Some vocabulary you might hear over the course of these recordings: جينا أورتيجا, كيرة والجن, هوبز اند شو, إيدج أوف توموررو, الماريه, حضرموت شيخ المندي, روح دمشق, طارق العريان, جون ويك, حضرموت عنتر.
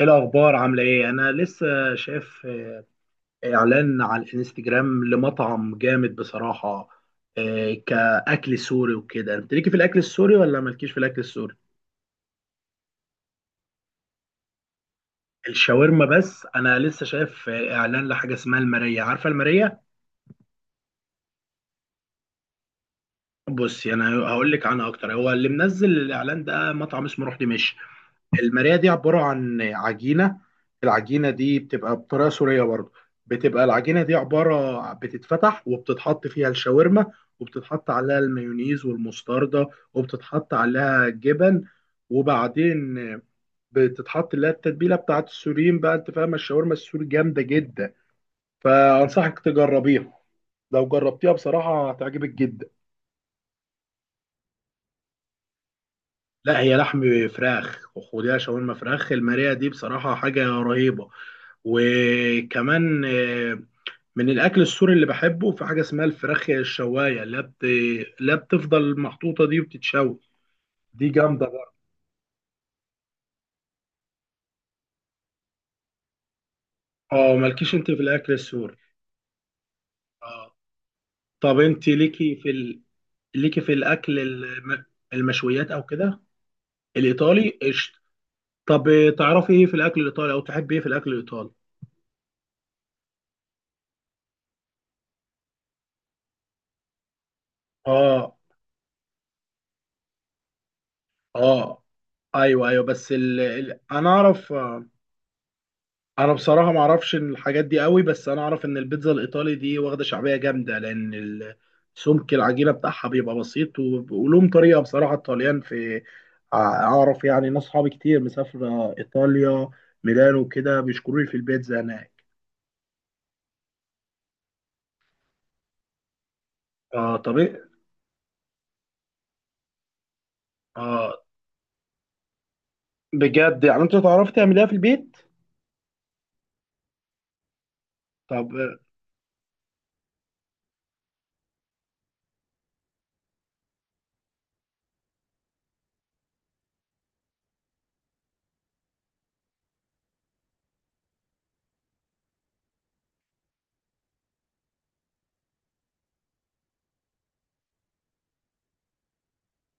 ايه الاخبار؟ عامله ايه؟ انا لسه شايف اعلان على الانستجرام لمطعم جامد بصراحه. إيه كاكل سوري وكده؟ انت ليكي في الاكل السوري ولا مالكيش في الاكل السوري؟ الشاورما بس انا لسه شايف اعلان لحاجه اسمها الماريه. عارفه الماريه؟ بصي انا هقول لك عنها اكتر. هو اللي منزل الاعلان ده مطعم اسمه روح دمشق. الماريه دي عباره عن عجينه. العجينه دي بتبقى بطريقه سوريه برضه. بتبقى العجينه دي عباره بتتفتح وبتتحط فيها الشاورما، وبتتحط عليها المايونيز والمستردة، وبتتحط عليها جبن، وبعدين بتتحط اللي هي التتبيله بتاعت السوريين. بقى انت فاهم الشاورما السوري جامده جدا، فانصحك تجربيها. لو جربتيها بصراحه هتعجبك جدا. لا، هي لحم فراخ، وخديها شاورما فراخ. الماريه دي بصراحه حاجه رهيبه. وكمان من الاكل السوري اللي بحبه في حاجه اسمها الفراخ الشوايه. لا، بتفضل محطوطه دي وبتتشوي، دي جامده بقى. اه، مالكيش انت في الاكل السوري؟ اه. طب انت ليكي في المشويات او كده؟ الايطالي قشطه. طب تعرفي ايه في الاكل الايطالي او تحبي ايه في الاكل الايطالي؟ اه. اه. ايوه ايوه، بس انا اعرف. انا بصراحه ما اعرفش الحاجات دي قوي، بس انا اعرف ان البيتزا الايطالي دي واخده شعبيه جامده. سمك العجينه بتاعها بيبقى بسيط، ولهم طريقه بصراحه الطليان في، اعرف يعني ناس صحابي كتير مسافره ايطاليا، ميلانو وكده، بيشكروا لي في البيتزا هناك. اه، طب ايه؟ اه. بجد يعني انت تعرف تعمليها في البيت؟ طب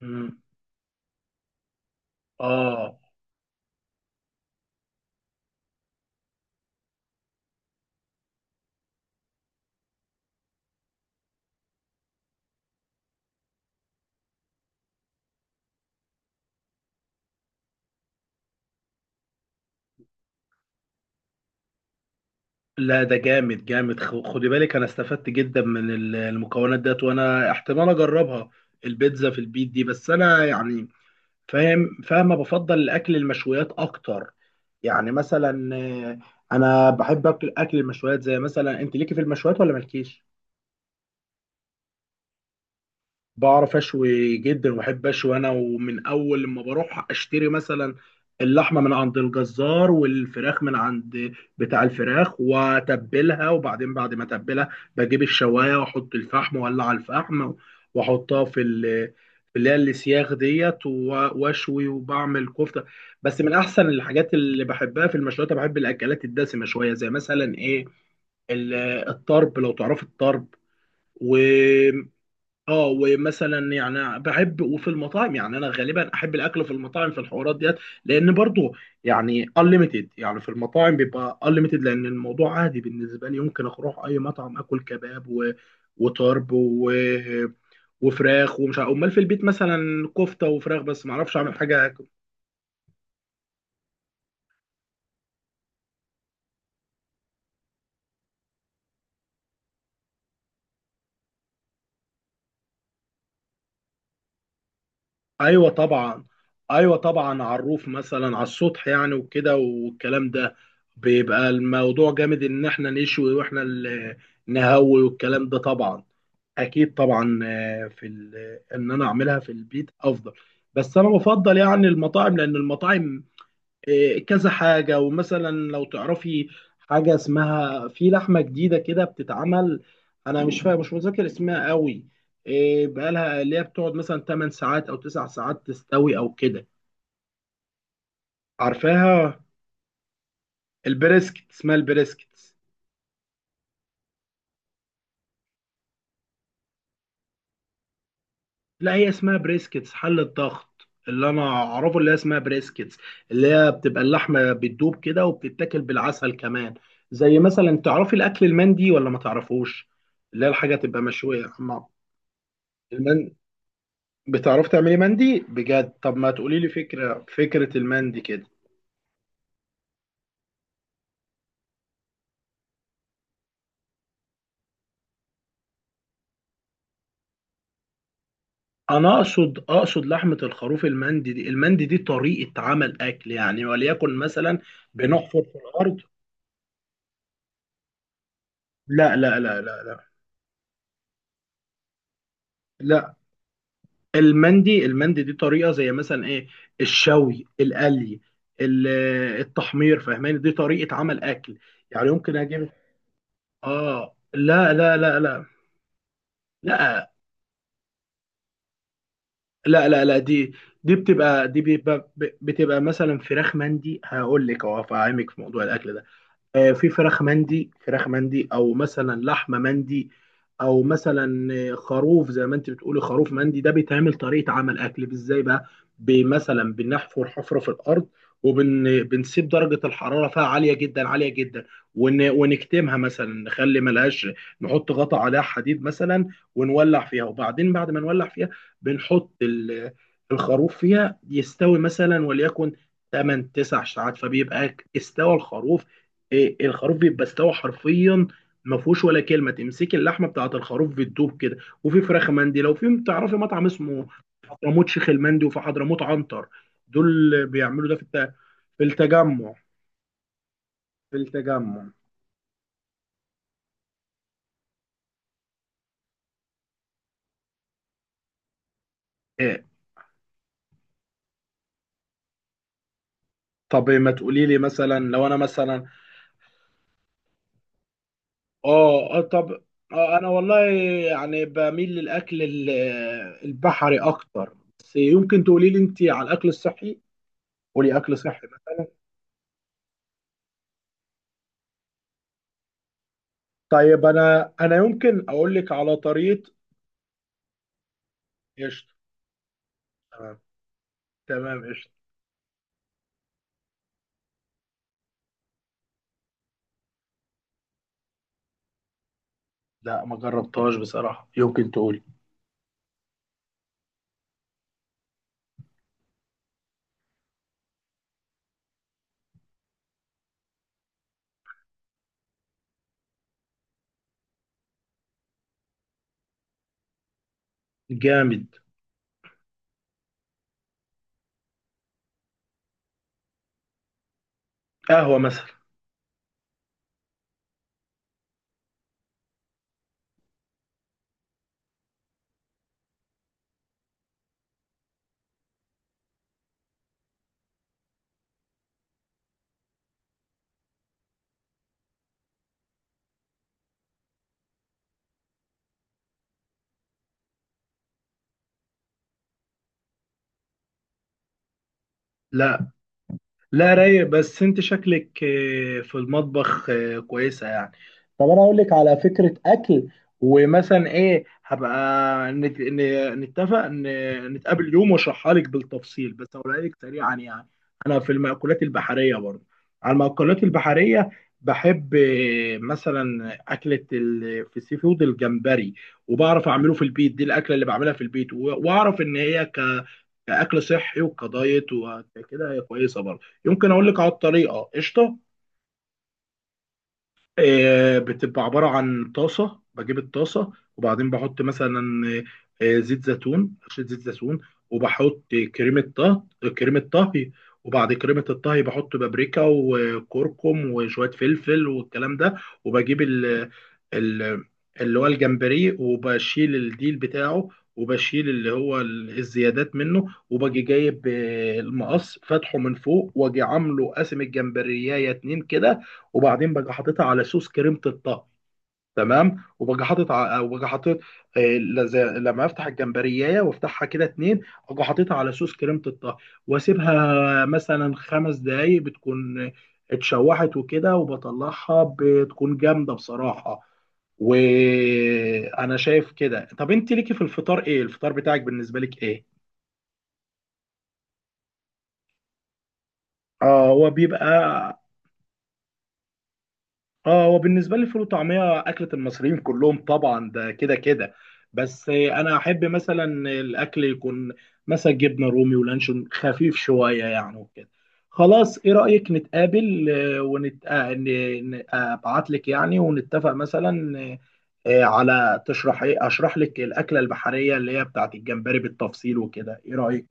مم. اه. لا، ده جامد جامد، خدي بالك انا استفدت جدا من المكونات ديت، وانا احتمال اجربها البيتزا في البيت دي. بس انا يعني فاهم، فاهمه، بفضل الاكل المشويات اكتر. يعني مثلا انا بحب اكل، اكل المشويات. زي مثلا انت ليكي في المشويات ولا مالكيش؟ بعرف اشوي جدا، وبحب اشوي انا. ومن اول لما بروح اشتري مثلا اللحمه من عند الجزار، والفراخ من عند بتاع الفراخ، واتبلها، وبعدين بعد ما اتبلها بجيب الشوايه واحط الفحم واولع الفحم، واحطها في في اللي هي السياخ ديت واشوي وبعمل كفته. بس من احسن الحاجات اللي بحبها في المشويات، أنا بحب الاكلات الدسمه شويه، زي مثلا ايه، ال- الطرب لو تعرف، الطرب. اه. ومثلا يعني بحب، وفي المطاعم يعني انا غالبا احب الاكل في المطاعم في الحوارات ديت، لان برضو يعني unlimited، يعني في المطاعم بيبقى unlimited. لان الموضوع عادي بالنسبه لي، يمكن اروح اي مطعم اكل كباب وطرب وفراخ ومش عارف، امال في البيت مثلا كفته وفراخ، بس ما اعرفش اعمل حاجه. ايوه طبعا. ايوه طبعا، عروف مثلا على السطح يعني وكده، والكلام ده بيبقى الموضوع جامد، ان احنا نشوي واحنا اللي نهوي، والكلام ده طبعا. اكيد طبعا، ان انا اعملها في البيت افضل، بس انا بفضل يعني المطاعم لان المطاعم كذا حاجة. ومثلا لو تعرفي حاجة اسمها، في لحمة جديدة كده بتتعمل، أنا مش فاهم، مش متذكر اسمها قوي، بقالها اللي هي بتقعد مثلا 8 ساعات أو 9 ساعات تستوي أو كده. عارفاها؟ البريسكت، اسمها البريسكت. لا، هي اسمها بريسكتس، حل الضغط اللي أنا أعرفه اللي هي اسمها بريسكتس، اللي هي بتبقى اللحمة بتدوب كده، وبتتاكل بالعسل كمان. زي مثلا، تعرفي الأكل المندي ولا ما تعرفوش؟ اللي هي الحاجة تبقى مشوية. بتعرف تعملي مندي بجد؟ طب ما تقولي لي فكرة، المندي كده. انا اقصد، لحمة الخروف. المندي دي، المندي دي طريقة عمل اكل يعني، وليكن مثلا بنحفر في الارض. لا لا لا لا لا. لا، المندي، المندي دي طريقة، زي مثلا ايه، الشوي، القلي، ال- التحمير. فاهماني؟ دي طريقة عمل اكل، يعني يمكن اجيب. اه لا لا لا لا، لا لا لا، لا دي، دي بتبقى، دي بيبقى بتبقى مثلا فراخ مندي. هقول لك اهو، هفهمك في موضوع الاكل ده. في فراخ مندي، فراخ مندي، او مثلا لحمه مندي، او مثلا خروف زي ما انت بتقولي، خروف مندي. ده بيتعمل طريقه عمل اكل ازاي بقى؟ مثلا بنحفر حفره في الارض، وبنسيب درجه الحراره فيها عاليه جدا عاليه جدا، ونكتمها، مثلا نخلي ملهاش، نحط غطا عليها حديد مثلا، ونولع فيها، وبعدين بعد ما نولع فيها بنحط الخروف فيها يستوي، مثلا وليكن 8 9 ساعات، فبيبقى استوى الخروف. الخروف بيبقى استوى حرفيا، ما فيهوش ولا كلمه، تمسكي اللحمه بتاعه الخروف بتدوب كده. وفي فراخ مندي، لو في تعرفي مطعم اسمه حضرموت شيخ المندي، وفي حضرموت عنتر، دول بيعملوا ده في التجمع في التجمع إيه. طب ما تقولي لي مثلا، لو انا مثلا، اه طب. آه، انا والله يعني بميل البحري اكتر، بس يمكن تقولي لي انت على الاكل الصحي، قولي اكل صحي مثلا. طيب انا، انا يمكن اقول لك على طريقه. قشطه. تمام، تمام قشطه. لا، ما جربتهاش بصراحه، يمكن تقولي. جامد. قهوه مثلا. لا لا، رايق. بس انت شكلك في المطبخ كويسة يعني. طب انا اقول لك على فكرة اكل. ومثلا ايه، هبقى نتفق، نتقابل يوم واشرحها لك بالتفصيل. بس اقولها لك سريعا يعني، انا في المأكولات البحرية برضه، على المأكولات البحرية، بحب مثلا أكلة في السي فود الجمبري. وبعرف أعمله في البيت، دي الأكلة اللي بعملها في البيت. وأعرف إن هي كأكل صحي وكدايت وكده، هي كويسة برضه. يمكن أقول لك على الطريقة. قشطة. بتبقى عبارة عن طاسة، بجيب الطاسة وبعدين بحط مثلا زيت زيتون، رشة زيت زيتون، وبحط كريمة طهي كريمة طهي، وبعد كريمة الطهي بحط بابريكا وكركم وشوية فلفل والكلام ده. وبجيب ال ال اللي هو الجمبري، وبشيل الديل بتاعه، وبشيل اللي الزيادات منه، وباجي جايب المقص فاتحه من فوق، واجي عامله قاسم الجمبريايه اتنين كده، وبعدين باجي حاططها على صوص كريمه الطهي. تمام. وباجي حاطط لما افتح الجمبريايه وافتحها كده اتنين، اجي حاططها على صوص كريمه الطهي، واسيبها مثلا 5 دقايق، بتكون اتشوحت وكده، وبطلعها بتكون جامده بصراحه، وانا شايف كده. طب انت ليكي في الفطار ايه؟ الفطار بتاعك بالنسبه لك ايه؟ اه هو بيبقى. اه هو بالنسبه لي، الفول وطعميه اكله المصريين كلهم طبعا، ده كده كده. بس انا احب مثلا الاكل يكون مثلا جبنه رومي ولانشون خفيف شويه يعني وكده. خلاص، ايه رايك نتقابل، آه، ونت ابعت لك يعني، ونتفق مثلا على تشرح، ايه اشرح لك الاكله البحريه اللي هي بتاعت الجمبري بالتفصيل وكده، ايه رايك؟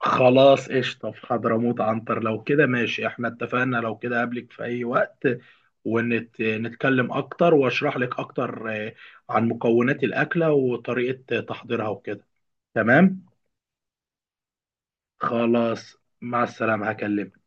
خلاص، قشطة، في حضرموت عنتر لو كده، ماشي احنا اتفقنا. لو كده قابلك في أي وقت، ونتكلم أكتر، وأشرح لك أكتر عن مكونات الأكلة وطريقة تحضيرها وكده. تمام؟ خلاص، مع السلامة، هكلمك.